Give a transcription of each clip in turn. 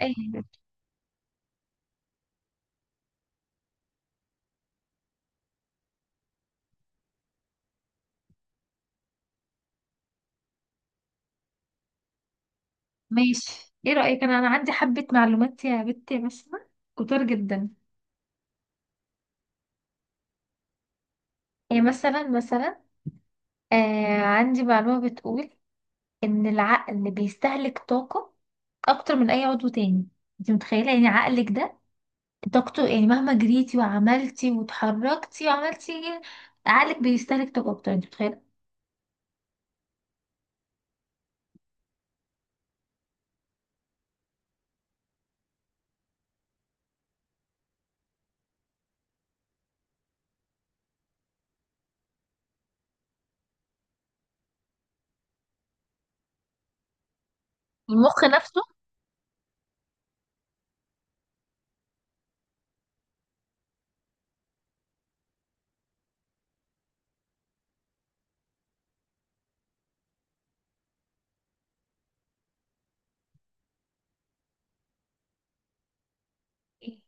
ايه، ماشي، ايه رأيك؟ انا عندي حبة معلومات يا بنتي، مثلا كتير جدا. ايه، مثلا. عندي معلومة بتقول ان العقل بيستهلك طاقة اكتر من اي عضو تاني. انت متخيلة؟ يعني عقلك ده طاقته، يعني مهما جريتي وعملتي وتحركتي وعملتي إيه، عقلك بيستهلك طاقة اكتر. انت متخيلة. المخ نفسه. إيه؟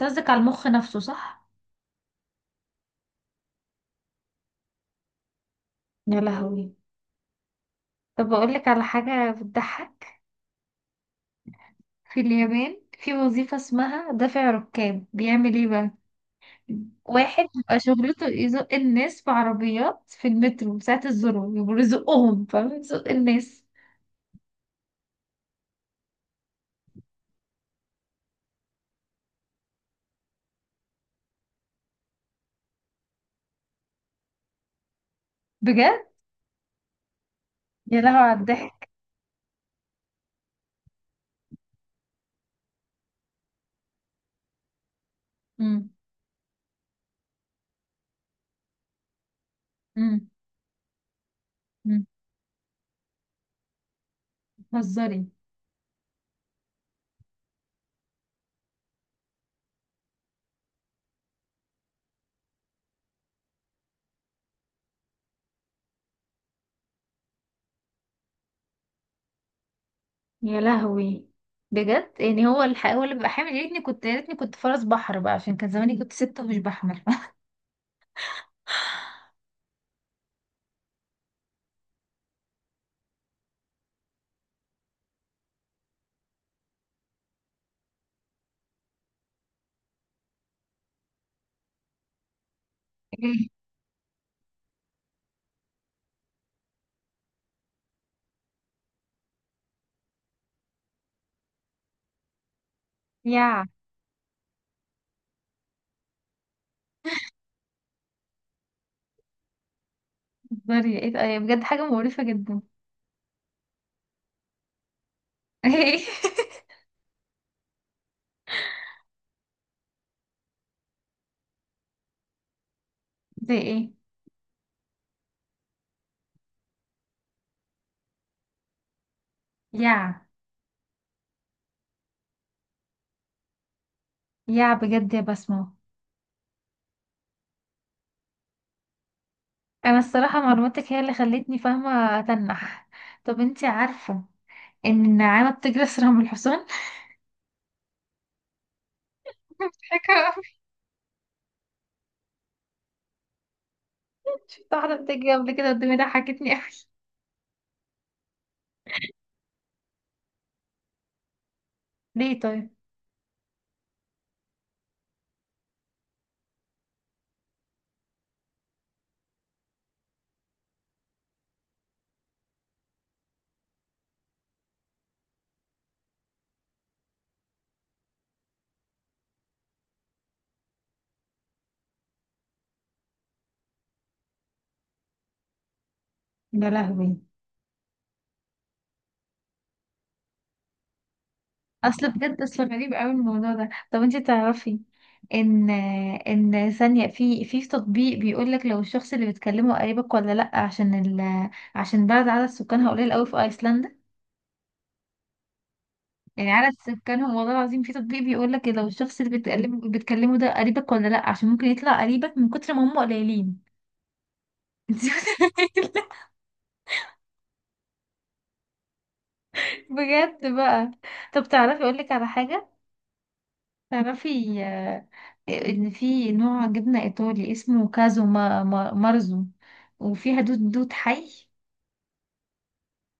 قصدك على المخ نفسه صح؟ يا لهوي. طب أقول لك على حاجة بتضحك. في اليابان في وظيفة اسمها دافع ركاب. بيعمل ايه بقى؟ واحد بيبقى شغلته يزق الناس في عربيات في المترو ساعة الذروة، يبقوا يزقهم، فاهم؟ يزق الناس. بجد. يا لهوي على الضحك. امم. امم. امم. بتهزري. يا لهوي. بجد يعني هو اللي بيبقى حامل. يا ريتني كنت فرس بحر بقى، عشان كان زماني كنت ست ومش بحمل. ايه. يا. بتهزري؟ ايه ده؟ بجد حاجة مقرفة جدا. ايه. زي ايه؟ يا. يا. بجد يا بسمة. انا الصراحة معلوماتك هي اللي خلتني فاهمة اتنح. طب انتي عارفة ان النعامة بتجري اسرع من الحصان؟ مضحكة أوي. شفت واحدة بتجري قبل كده قدامي، ضحكتني اوي. ليه طيب؟ يا لهوي. اصل بجد، اصل غريب اوي الموضوع ده. طب انتي تعرفي ان ان ثانية في تطبيق بيقولك لو الشخص اللي بتكلمه قريبك ولا لأ، عشان عشان بلد عدد سكانها قليل اوي، في ايسلندا. يعني على سكانهم، والله العظيم، في تطبيق بيقول لك لو الشخص اللي بتكلمه ده قريبك ولا لا، عشان ممكن يطلع قريبك من كتر ما هم قليلين. انت متخيلة؟ بجد بقى. طب تعرفي اقول لك على حاجة. تعرفي، ان في نوع جبنة ايطالي اسمه كازو ما مارزو، وفيها دود، دود حي.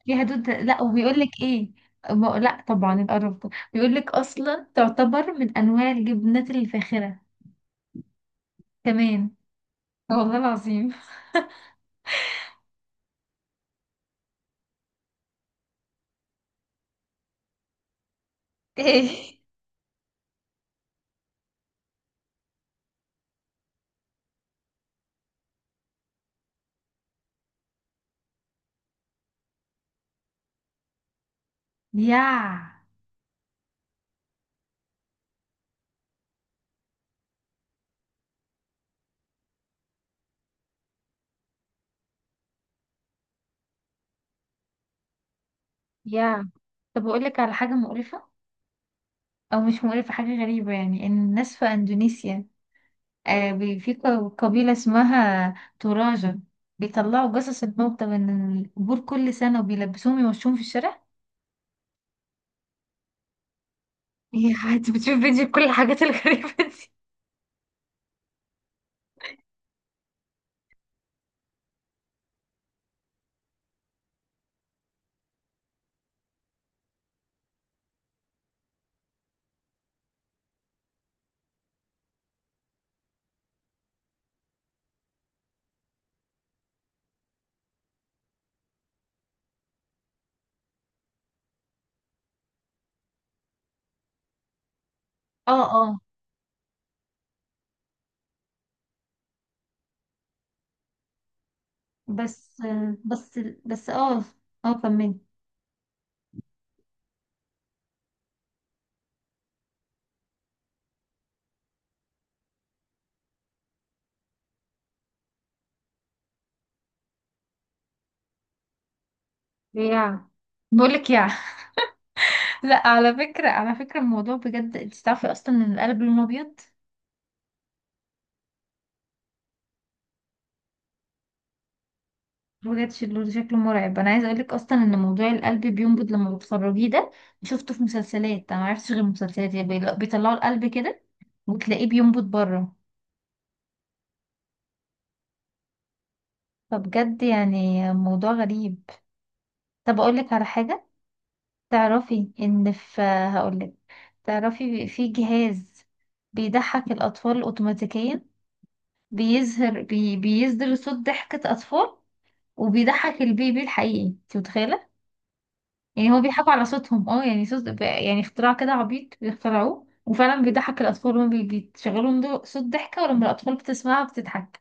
فيها دود، لا، وبيقول لك ايه؟ لا، طبعا القرف ده بيقول لك اصلا تعتبر من انواع الجبنات الفاخرة كمان. والله العظيم. ايه. يا. يا. طب اقول لك على حاجه مقرفه، او مش مقرفه، حاجه غريبه. يعني ان الناس في اندونيسيا، قبيله اسمها توراجة، بيطلعوا جثث الموتى من القبور كل سنه وبيلبسوهم، يمشوهم في الشارع. يا. انت بتشوف فيديو كل الحاجات الغريبة دي. اه، اه. بس، بس، بس. اه، اه، كملي. يا، بقولك، يا. لا، على فكرة، على فكرة الموضوع بجد، انت تعرفي اصلا ان القلب لونه ابيض؟ بجد شكله مرعب. انا عايزه اقولك اصلا ان موضوع القلب بينبض لما بتخرجيه ده، شفته في مسلسلات. انا ما عرفتش غير المسلسلات يعني، بيطلعوا القلب كده وتلاقيه بينبض بره. فبجد يعني موضوع غريب. طب اقولك على حاجه. تعرفي ان في، هقولك، تعرفي في جهاز بيضحك الاطفال اوتوماتيكيا. بيصدر صوت ضحكه اطفال وبيضحك البيبي الحقيقي. انت متخيله؟ يعني هو بيضحكوا على صوتهم، اه، يعني يعني اختراع كده عبيط بيخترعوه، وفعلا بيضحك الأطفال لما بيشغلهم صوت ضحكة، ولما الأطفال بتسمعها بتضحك.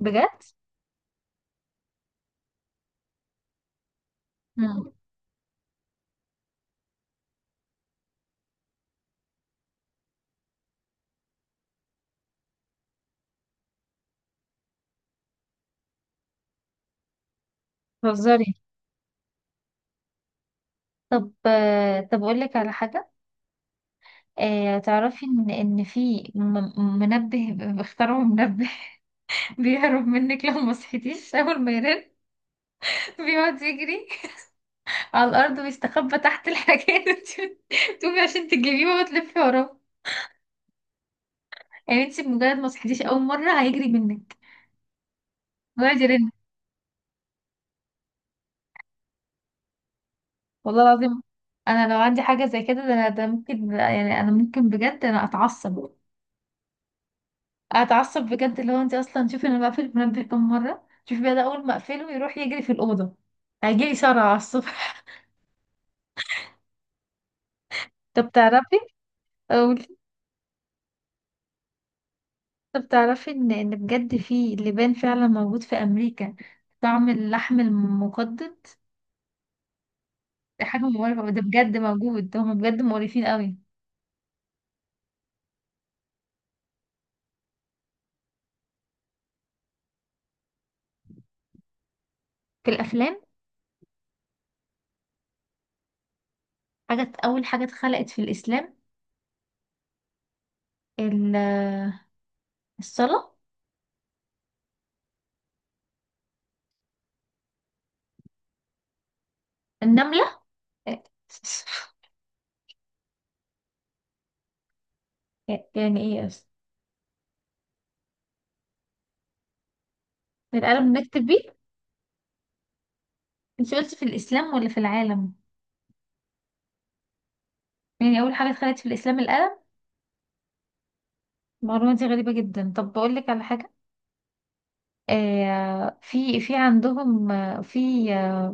بجد؟ مم. بتهزري. طب، طب أقول لك على حاجة. تعرفي إن في، منبه، اخترعوا منبه بيهرب منك لو ما صحيتيش أول ما يرن. بيقعد يجري على الأرض ويستخبى تحت الحاجات. تقومي عشان تجيبيه وتلفي وراه. يعني انت بمجرد ما صحيتيش أول مرة هيجري منك ويقعد يرن. والله العظيم، انا لو عندي حاجه زي كده، ده انا، ده ممكن، يعني انا ممكن بجد، انا اتعصب، اتعصب بجد. اللي هو انت اصلا شوفي، انا بقفل المنبه كم مره. شوفي بقى، ده اول ما اقفله يروح يجري في الاوضه. هيجيلي صرع على الصبح. طب تعرفي اقول. طب تعرفي ان بجد في لبان فعلا موجود في امريكا طعم اللحم المقدد. دي حاجه مقرفه، ده بجد موجود، ده هم بجد مقرفين قوي. في الافلام؟ حاجه، اول حاجه اتخلقت في الاسلام ال- الصلاه؟ النمله؟ إيه؟ إيه، يعني ايه اصلا؟ القلم نكتب بيه. انت قلت في الاسلام ولا في العالم؟ يعني اول حاجه اتخلقت في الاسلام القلم. المعلومه دي غريبه جدا. طب بقول لك على حاجه. في عندهم، آه،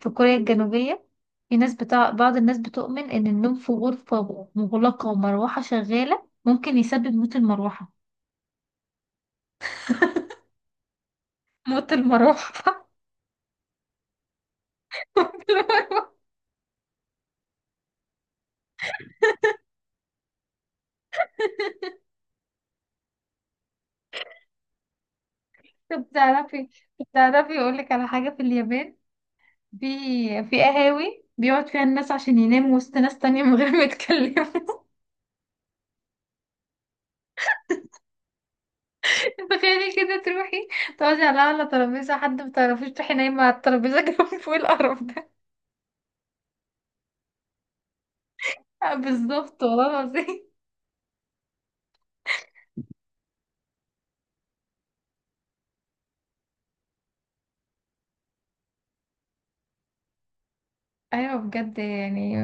في كوريا الجنوبيه، في ناس بتاع بعض الناس بتؤمن ان النوم في غرفه مغلقه ومروحه شغاله ممكن يسبب موت المروحه. موت المروحه؟ موت المروحه. طب تعرفي. طب تعرفي اقول لك على حاجه، في اليابان في، في قهاوي بيقعد فيها الناس عشان يناموا وسط ناس تانية من غير ما يتكلموا. تخيلي كده، تروحي تقعدي على أعلى ترابيزة، حد متعرفيش، تروحي نايمة على الترابيزة جنب، فوق القرف ده. بالظبط والله العظيم. أيوة بجد يعني،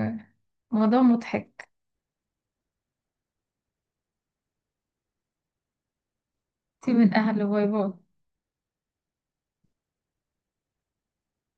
موضوع مضحك. سيب من أهله، باي باي.